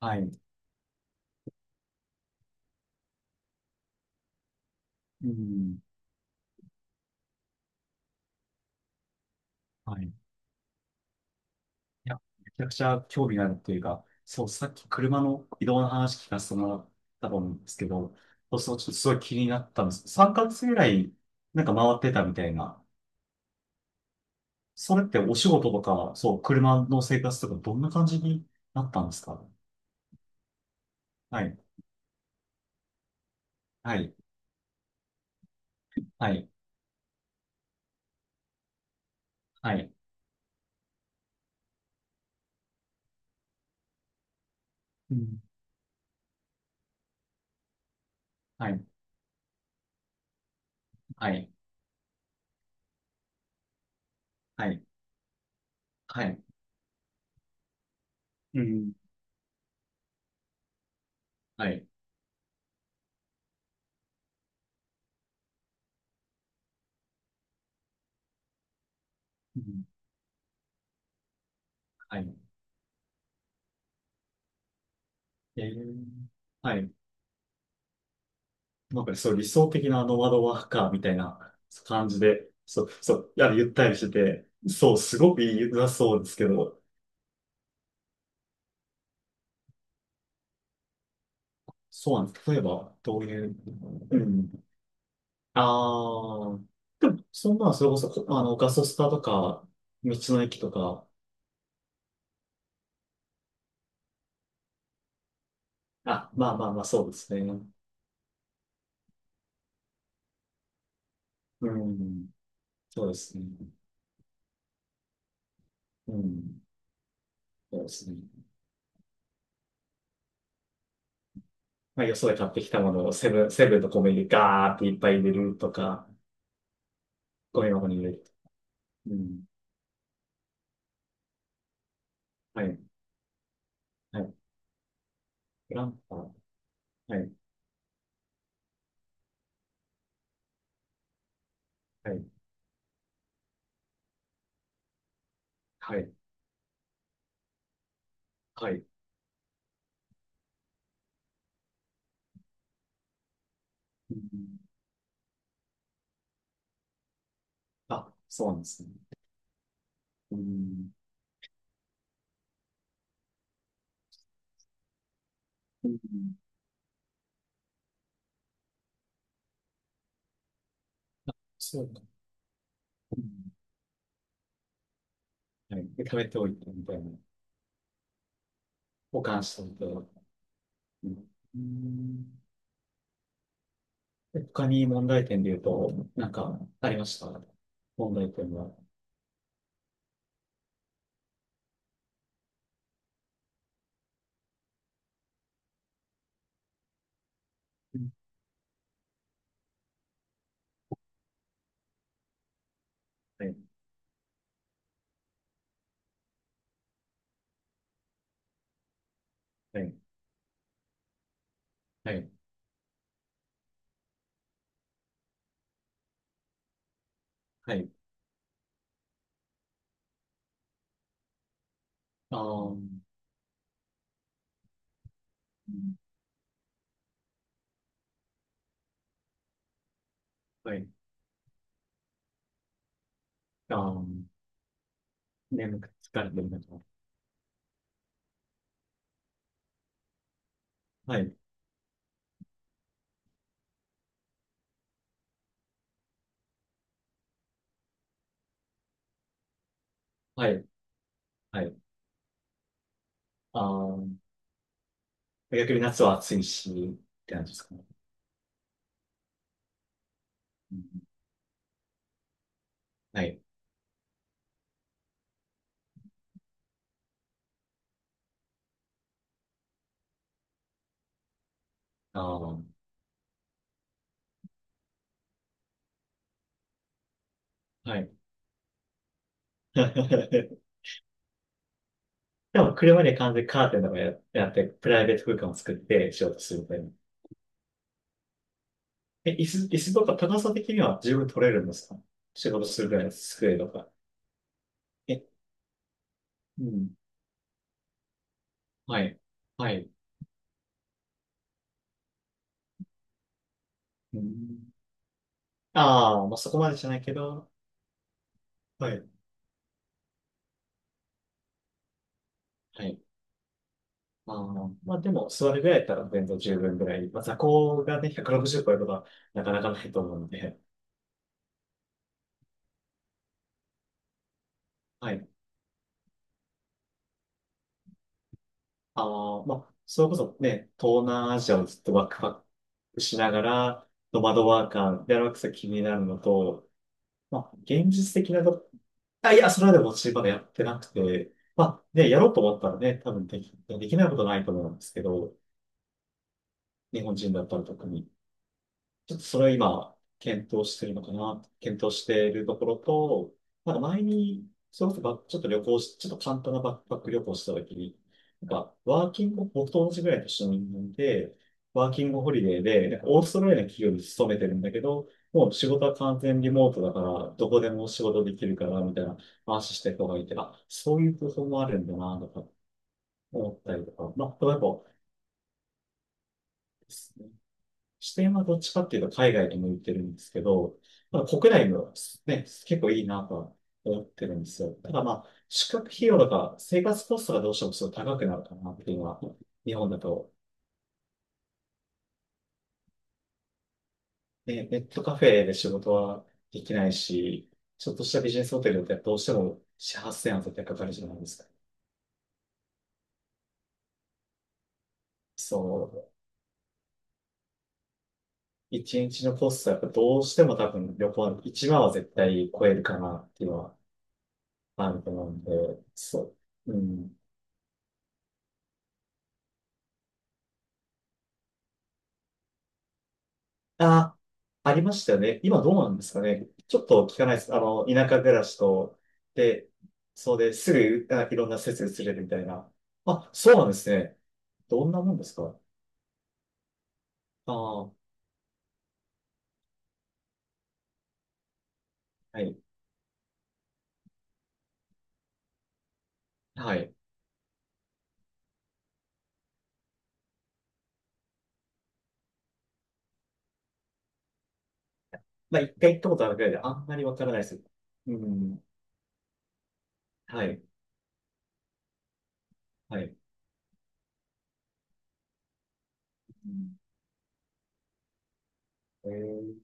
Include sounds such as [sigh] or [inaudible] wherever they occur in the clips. はい。うん。はい。いや、めちゃくちゃ興味があるというか、そう、さっき車の移動の話聞かせてもらったと思うんですけど、そうそう、ちょっとすごい気になったんです。3ヶ月ぐらい、なんか回ってたみたいな。それってお仕事とか、そう、車の生活とか、どんな感じになったんですか？はい。はい。はい。はい。うん。はい。はい。はい。はい。うん。はい。うん。はい。えー。はい。なんかねそう理想的なノマドワーカーみたいな感じで、そう、そう、いや、ゆったりしてて、そう、すごくいいづらそうですけど、そうなんです。例えば、どういう、うん。ああ、でも、そんな、それこそ、あの、ガソスタとか、道の駅とか、あ、まあまあまあ、そうですね。うん、そうですね。うん、そうですね。まあ、よそで買ってきたものをセブンとコンビニでガーっていっぱい入れるとか、ゴミ箱に入れる。うん、はい、はい。グランパはい、はい、はい、はい。うん、あ、そうなんですね。うん、うん、そうか。うん、はい。で、貯めておいてみたいな。保管しておいて。うん、うんで他に問題点で言うと、なんかありました？問題点は。うん、はい、はい、はい、はい。あー、うんはい。あー、眠くて疲れてるなと。はい、はい、はい。あー、逆に夏は暑いし、って感じですかね。うんはい。ああ、はい。[laughs] でも車で完全にカーテンとかや、やって、プライベート空間を作って仕事するみたいな。え、椅子とか高さ的には十分取れるんですか？仕事するぐらいの机とか。え、うん。はい。はい。うん、ああ、まあそこまでじゃないけど、はい。はい。あーまあでも座るぐらいだったら全然十分ぐらい。まあ座高がね、160超えることはなかなかないと思うので。はい。ああ、まあ、それこそね、東南アジアをずっとバックワックしながら、ノマドワーカーでやるわけが気になるのと、まあ、現実的なと、あ、いや、それはでも私まだやってなくて、まあ、ね、やろうと思ったらね、多分でき、できないことないと思うんですけど、日本人だったら特に。ちょっとそれを今、検討してるのかな、検討しているところと、なんか前に、それこそばちょっと旅行し、ちょっと簡単なバックパック旅行したときに、なんか、ワーキング、僕と同じぐらいの年の人間で、ワーキングホリデーで、なんかオーストラリアの企業に勤めてるんだけど、もう仕事は完全リモートだから、どこでも仕事できるから、みたいな話してる人がいて、あ、そういう方法もあるんだな、とか思ったりとか、まあ、例えば。視点はどっちかっていうと海外に向いてるんですけど、まあ、国内もね、結構いいなとは思ってるんですよ。ただまあ、宿泊費用とか生活コストがどうしてもすごい高くなるかなっていうのは、日本だと、ね、ネットカフェで仕事はできないし、ちょっとしたビジネスホテルだってどうしても4、8000円は絶対かかるじゃないですか。そう。一日のコストはやっぱどうしても多分旅行は1万は絶対超えるかなっていうのはあると思うんで、そう。うん。あ、ありましたよね。今どうなんですかね。ちょっと聞かないです。あの、田舎暮らしと、で、そうですぐ、あ、いろんな施設移れるみたいな。あ、そうなんですね。どんなもんですか？ああ、はい。はい。まあ、一回行ったことあるくらいで、あんまりわからないです。うん。はい。はい。うんえー、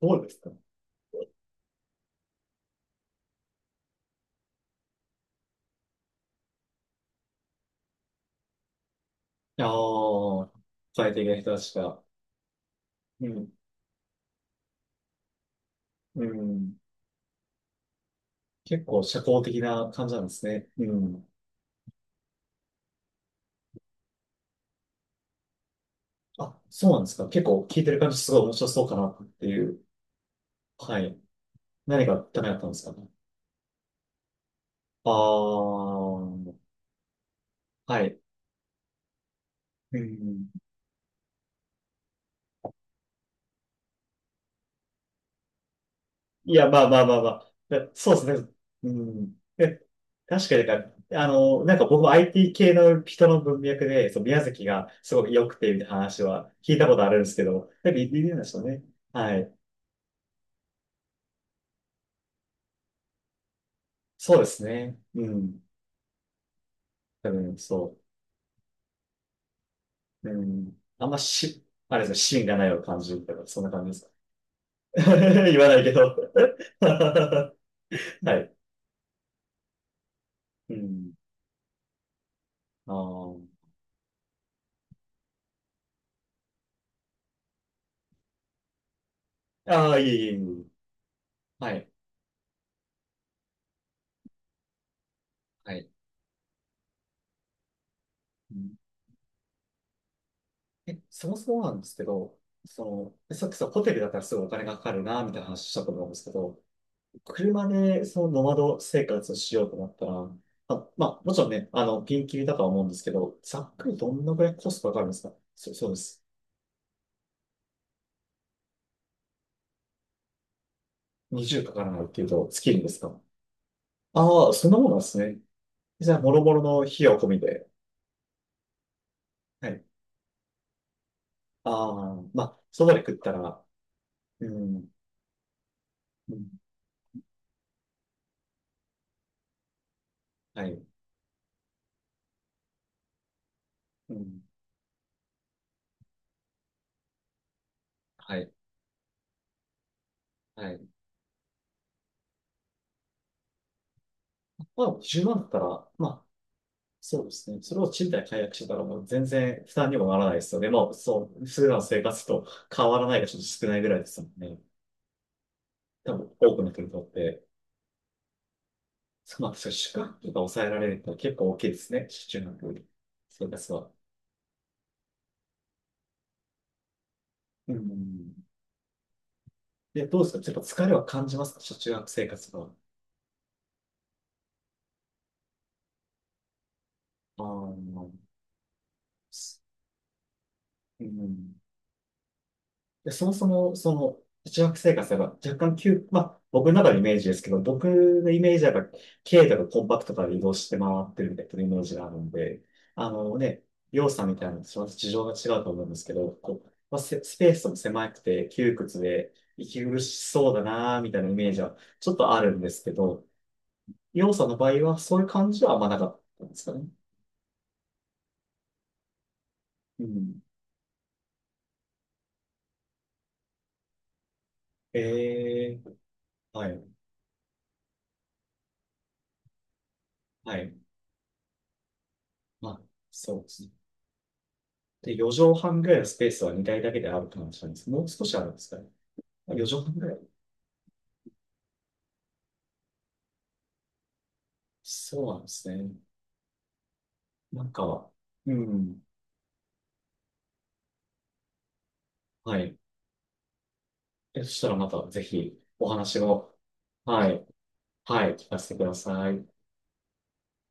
どうですか？ああー、最適な人たちが。うん。うん。結構社交的な感じなんですね。うん。あ、そうなんですか？結構聞いてる感じすごい面白そうかなっていう。はい。何がダメだったんですかね。ああ、はい。うん。いや、まあまあまあまあ。いやそうですね。うん。え、確かになんか、あの、なんか僕も IT 系の人の文脈で、そう、宮崎がすごく良くて、みたいな話は聞いたことあるんですけど、なんか言ってるんでしょうね。はい。そうですね。うん。多分、そう。うん。あんまし、あれですね、芯がないような感じとか、そんな感じです？ [laughs] 言わないけど [laughs] はい。うん。ああ。ああ、いえいえいえ。はい。はい。うんえ、そもそもなんですけど、その、さっきさ、ホテルだったらすごいお金がかかるな、みたいな話したと思うんですけど、車でそのノマド生活をしようと思ったら、あ、まあ、もちろんね、あの、ピンキリだとは思うんですけど、ざっくりどんなぐらいコストかかるんですか？そ、そうです。20かからないっていうと、月にですか？ああ、そんなもんなんですね。じゃあ、もろもろの費用込みで。はいああ、まあ、そばで食ったら、うん、うん、はい、うん、はい、はい。まあ、10万だったら、まあ、そうですね。それを賃貸解約してたら、もう全然負担にもならないですよね。まあ、そう、普段の生活と変わらないがちょっと少ないぐらいですもんね。多分、多くの人にとって、まあ、そう宿泊とか抑えられると結構大きいですね。中学生活は。うん。で、どうですか？ちょっと疲れは感じますか？中学生活は。ああ、うん。で、そもそも、その、中学生活が若干急、まあ、僕の中のイメージですけど、僕のイメージはやっぱ、軽とかコンパクトから移動して回ってるみたいなイメージがあるんで、あのね、要素みたいなのと事情が違うと思うんですけど、こう、まあ、せスペースも狭くて窮屈で、息苦しそうだなーみたいなイメージはちょっとあるんですけど、要素の場合はそういう感じはあんまなかったんですかね。うん。ええはい、はい。まあ、そうですね。で、4畳半ぐらいのスペースは2台だけであるって話なんです。もう少しあるんですかね。あ4畳半ぐらい。そうなんですね。なんか、うん。はい。えそしたらまたぜひお話を、はい。はい。聞かせてください。